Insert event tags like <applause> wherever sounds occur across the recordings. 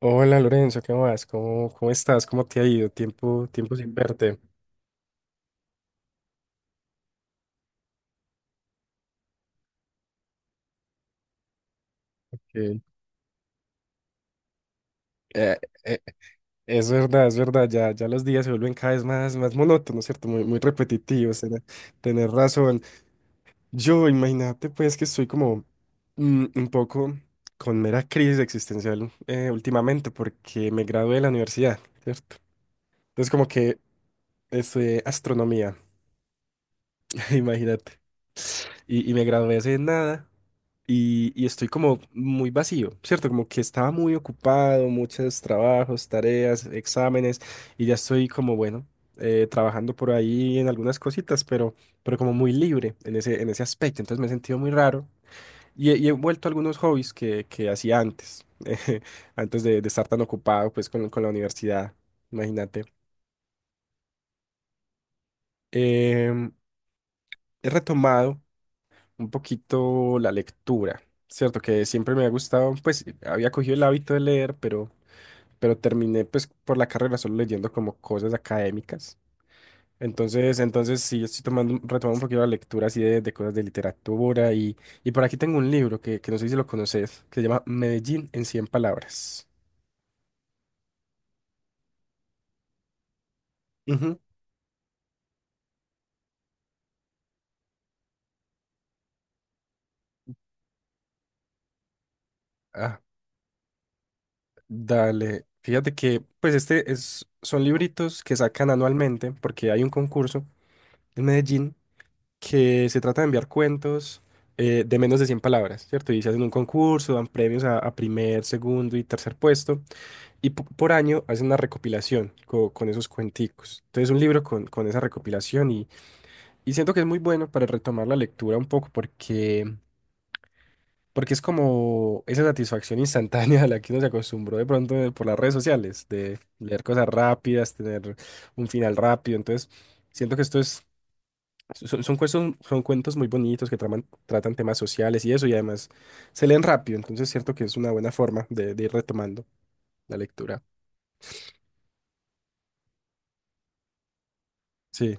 Hola Lorenzo, ¿qué más? ¿Cómo estás? ¿Cómo te ha ido? Tiempo sin verte. Eh, Eh, eh, es verdad, ya los días se vuelven cada vez más monótonos, ¿cierto? Muy repetitivos, tener, razón. Yo, imagínate pues que estoy como un poco con mera crisis existencial últimamente porque me gradué de la universidad, ¿cierto? Entonces como que estudié astronomía, <laughs> imagínate, y me gradué hace nada. Y estoy como muy vacío, ¿cierto? Como que estaba muy ocupado, muchos trabajos, tareas, exámenes, y ya estoy como, bueno, trabajando por ahí en algunas cositas, pero como muy libre en ese aspecto. Entonces me he sentido muy raro y, he vuelto a algunos hobbies que hacía antes, <laughs> antes de estar tan ocupado pues con la universidad, imagínate. Em, he retomado un poquito la lectura. Cierto que siempre me ha gustado, pues había cogido el hábito de leer, pero terminé pues por la carrera solo leyendo como cosas académicas. Entonces sí, estoy tomando, retomando un poquito la lectura así de cosas de literatura y por aquí tengo un libro que no sé si lo conoces, que se llama Medellín en cien palabras. Ujú. Ah, dale. Fíjate que, pues este es, son libritos que sacan anualmente porque hay un concurso en Medellín que se trata de enviar cuentos de menos de 100 palabras, ¿cierto? Y se hacen un concurso, dan premios a primer, segundo y tercer puesto. Y por año hace una recopilación con esos cuenticos. Entonces, un libro con esa recopilación y siento que es muy bueno para retomar la lectura un poco porque, porque es como esa satisfacción instantánea a la que uno se acostumbró de pronto por las redes sociales, de leer cosas rápidas, tener un final rápido. Entonces, siento que esto es, son cuentos muy bonitos que tratan temas sociales y eso y además se leen rápido. Entonces, siento que es una buena forma de ir retomando la lectura. Sí,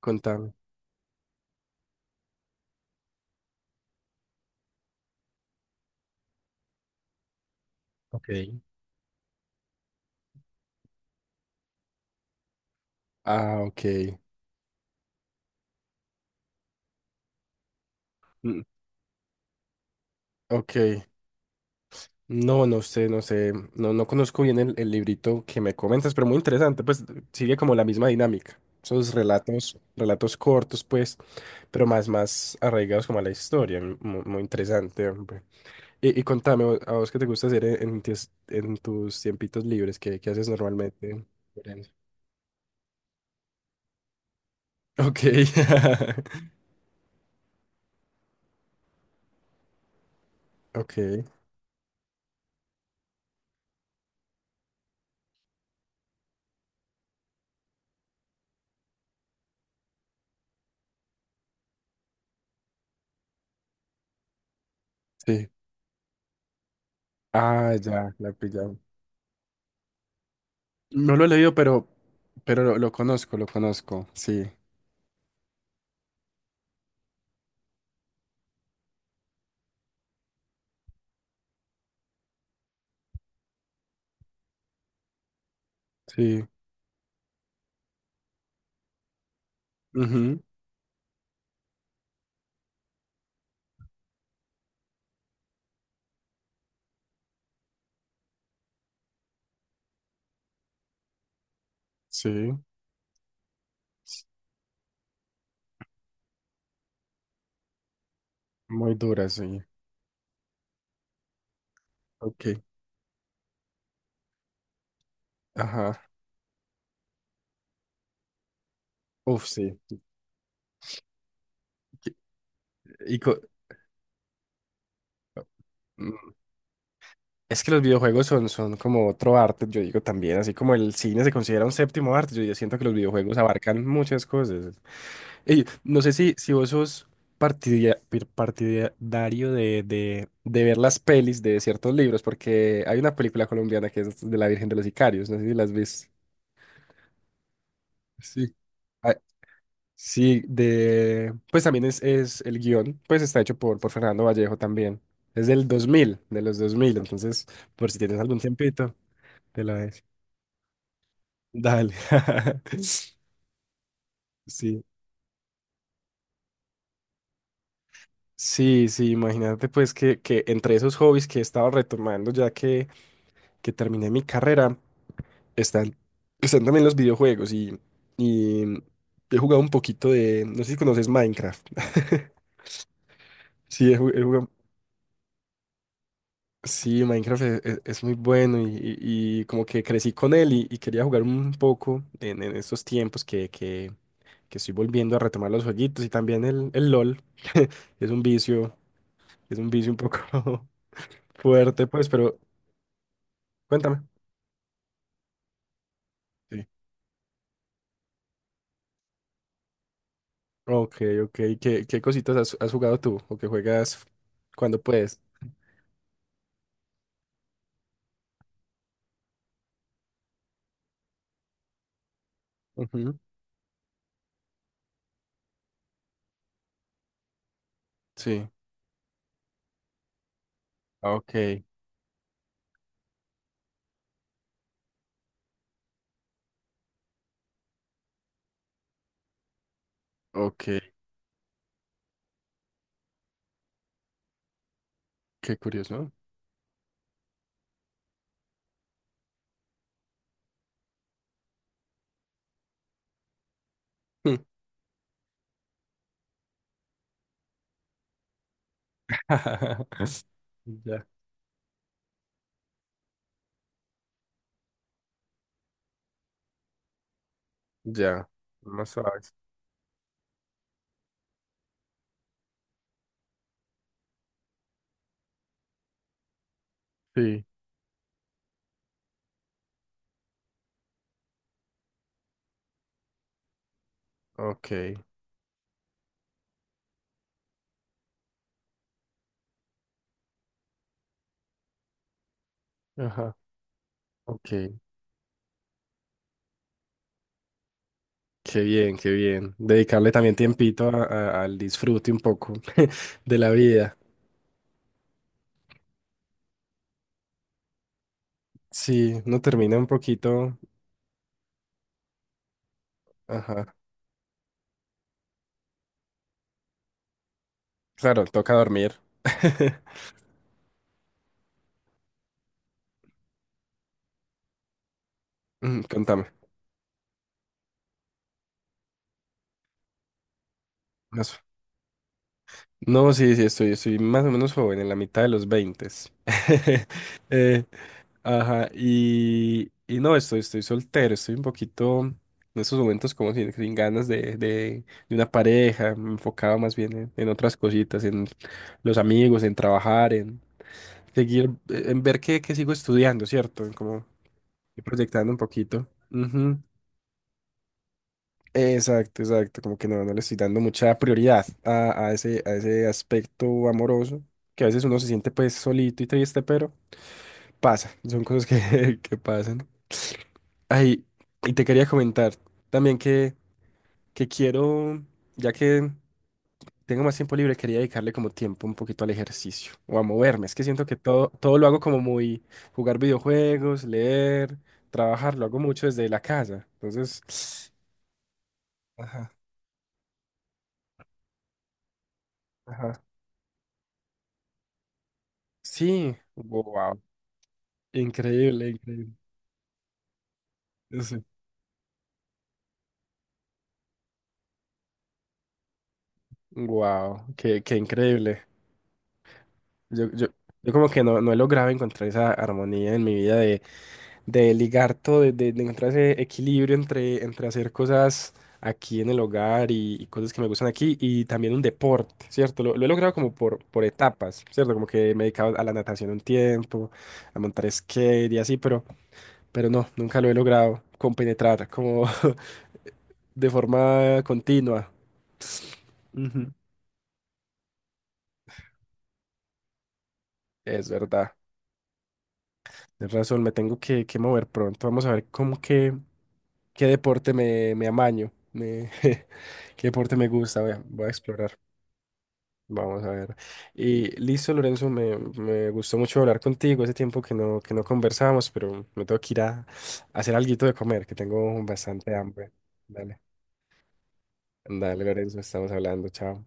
contame. Ok. Ah, ok. Mm. Ok. No, no sé, no sé. No, no conozco bien el librito que me comentas, pero muy interesante. Pues sigue como la misma dinámica. Esos relatos, relatos cortos, pues, pero más, más arraigados como a la historia. Muy interesante, hombre. Y contame, a vos qué te gusta hacer en en tus tiempitos libres? ¿Qué, qué haces normalmente? ¿Lorenzo? Ok. <laughs> Ok. Sí. Ah, ya, la pillamos. No lo he leído, pero lo conozco, lo conozco. Sí, sí. Ujú. Sí. Muy dura, sí. Ok. Ajá. Uf, sí. Qui- Y, co- mm, es que los videojuegos son, son como otro arte, yo digo también, así como el cine se considera un séptimo arte, yo siento que los videojuegos abarcan muchas cosas. Y no sé si vos sos partidario de, de ver las pelis de ciertos libros, porque hay una película colombiana que es de La Virgen de los Sicarios, no sé si las viste. Sí. Ah, sí, de... Pues también es el guión, pues está hecho por Fernando Vallejo también. Es del 2000, de los 2000, entonces por si tienes algún tiempito, te la ves. Dale. <laughs> Sí, sí, sí, imagínate pues que entre esos hobbies que he estado retomando ya que terminé mi carrera, están, están también los videojuegos y he jugado un poquito de, no sé si conoces Minecraft. <laughs> Sí, he jugado. Sí, Minecraft es muy bueno y, y como que crecí con él y quería jugar un poco en estos tiempos que estoy volviendo a retomar los jueguitos y también el LOL. <laughs> Es un vicio, es un vicio un poco <laughs> fuerte, pues, pero cuéntame. Sí. Ok, ok. ¿Qué, qué cositas has, has jugado tú o que juegas cuando puedes? Ujú. Sí. Ok, ok. Qué curioso. Hmm. <laughs> Ya. Ya. No sabes. Sí, ok. Ajá. Ok, qué bien, qué bien. Dedicarle también tiempito al disfrute un poco <laughs> de la vida. Sí, no termina un poquito. Ajá. Claro, toca dormir. <laughs> Mm, contame. Más- No, sí, sí, estoy, estoy más o menos joven, en la mitad de los 20. <laughs> Ajá, y no, estoy, estoy soltero, estoy un poquito en estos momentos como sin, sin ganas de, de una pareja, me enfocaba más bien en otras cositas, en los amigos, en trabajar, en seguir, en ver que sigo estudiando, ¿cierto? En como ir proyectando un poquito. Ujú. Exacto, exacto, como que no, no le estoy dando mucha prioridad a ese aspecto amoroso, que a veces uno se siente pues solito y triste, pero pasa, son cosas que, <laughs> que pasan. Ay, y te quería comentar también que quiero, ya que tengo más tiempo libre, quería dedicarle como tiempo un poquito al ejercicio o a moverme. Es que siento que todo, todo lo hago como muy jugar videojuegos, leer, trabajar, lo hago mucho desde la casa. Entonces, <sniffs> ajá, ajá. Sí, wow. Increíble, increíble. Sí. Wow, qué, qué increíble. Yo, yo, yo como que no, no he logrado encontrar esa armonía en mi vida de ligar todo, de, de encontrar ese equilibrio entre, entre hacer cosas aquí en el hogar y cosas que me gustan aquí y también un deporte, ¿cierto? Lo he logrado como por etapas, ¿cierto? Como que me he dedicado a la natación un tiempo, a montar skate y así, pero no, nunca lo he logrado compenetrar como <laughs> de forma continua. Ujú. Es verdad, es razón, me tengo que mover pronto. Vamos a ver cómo que ¿qué deporte me, me amaño? <laughs> ¿Qué deporte me gusta? Voy a, voy a explorar. Vamos a ver. Y listo, Lorenzo, me gustó mucho hablar contigo. Hace tiempo que no conversábamos, pero me tengo que ir a hacer alguito de comer, que tengo bastante hambre. Dale, dale, Lorenzo, estamos hablando. Chao.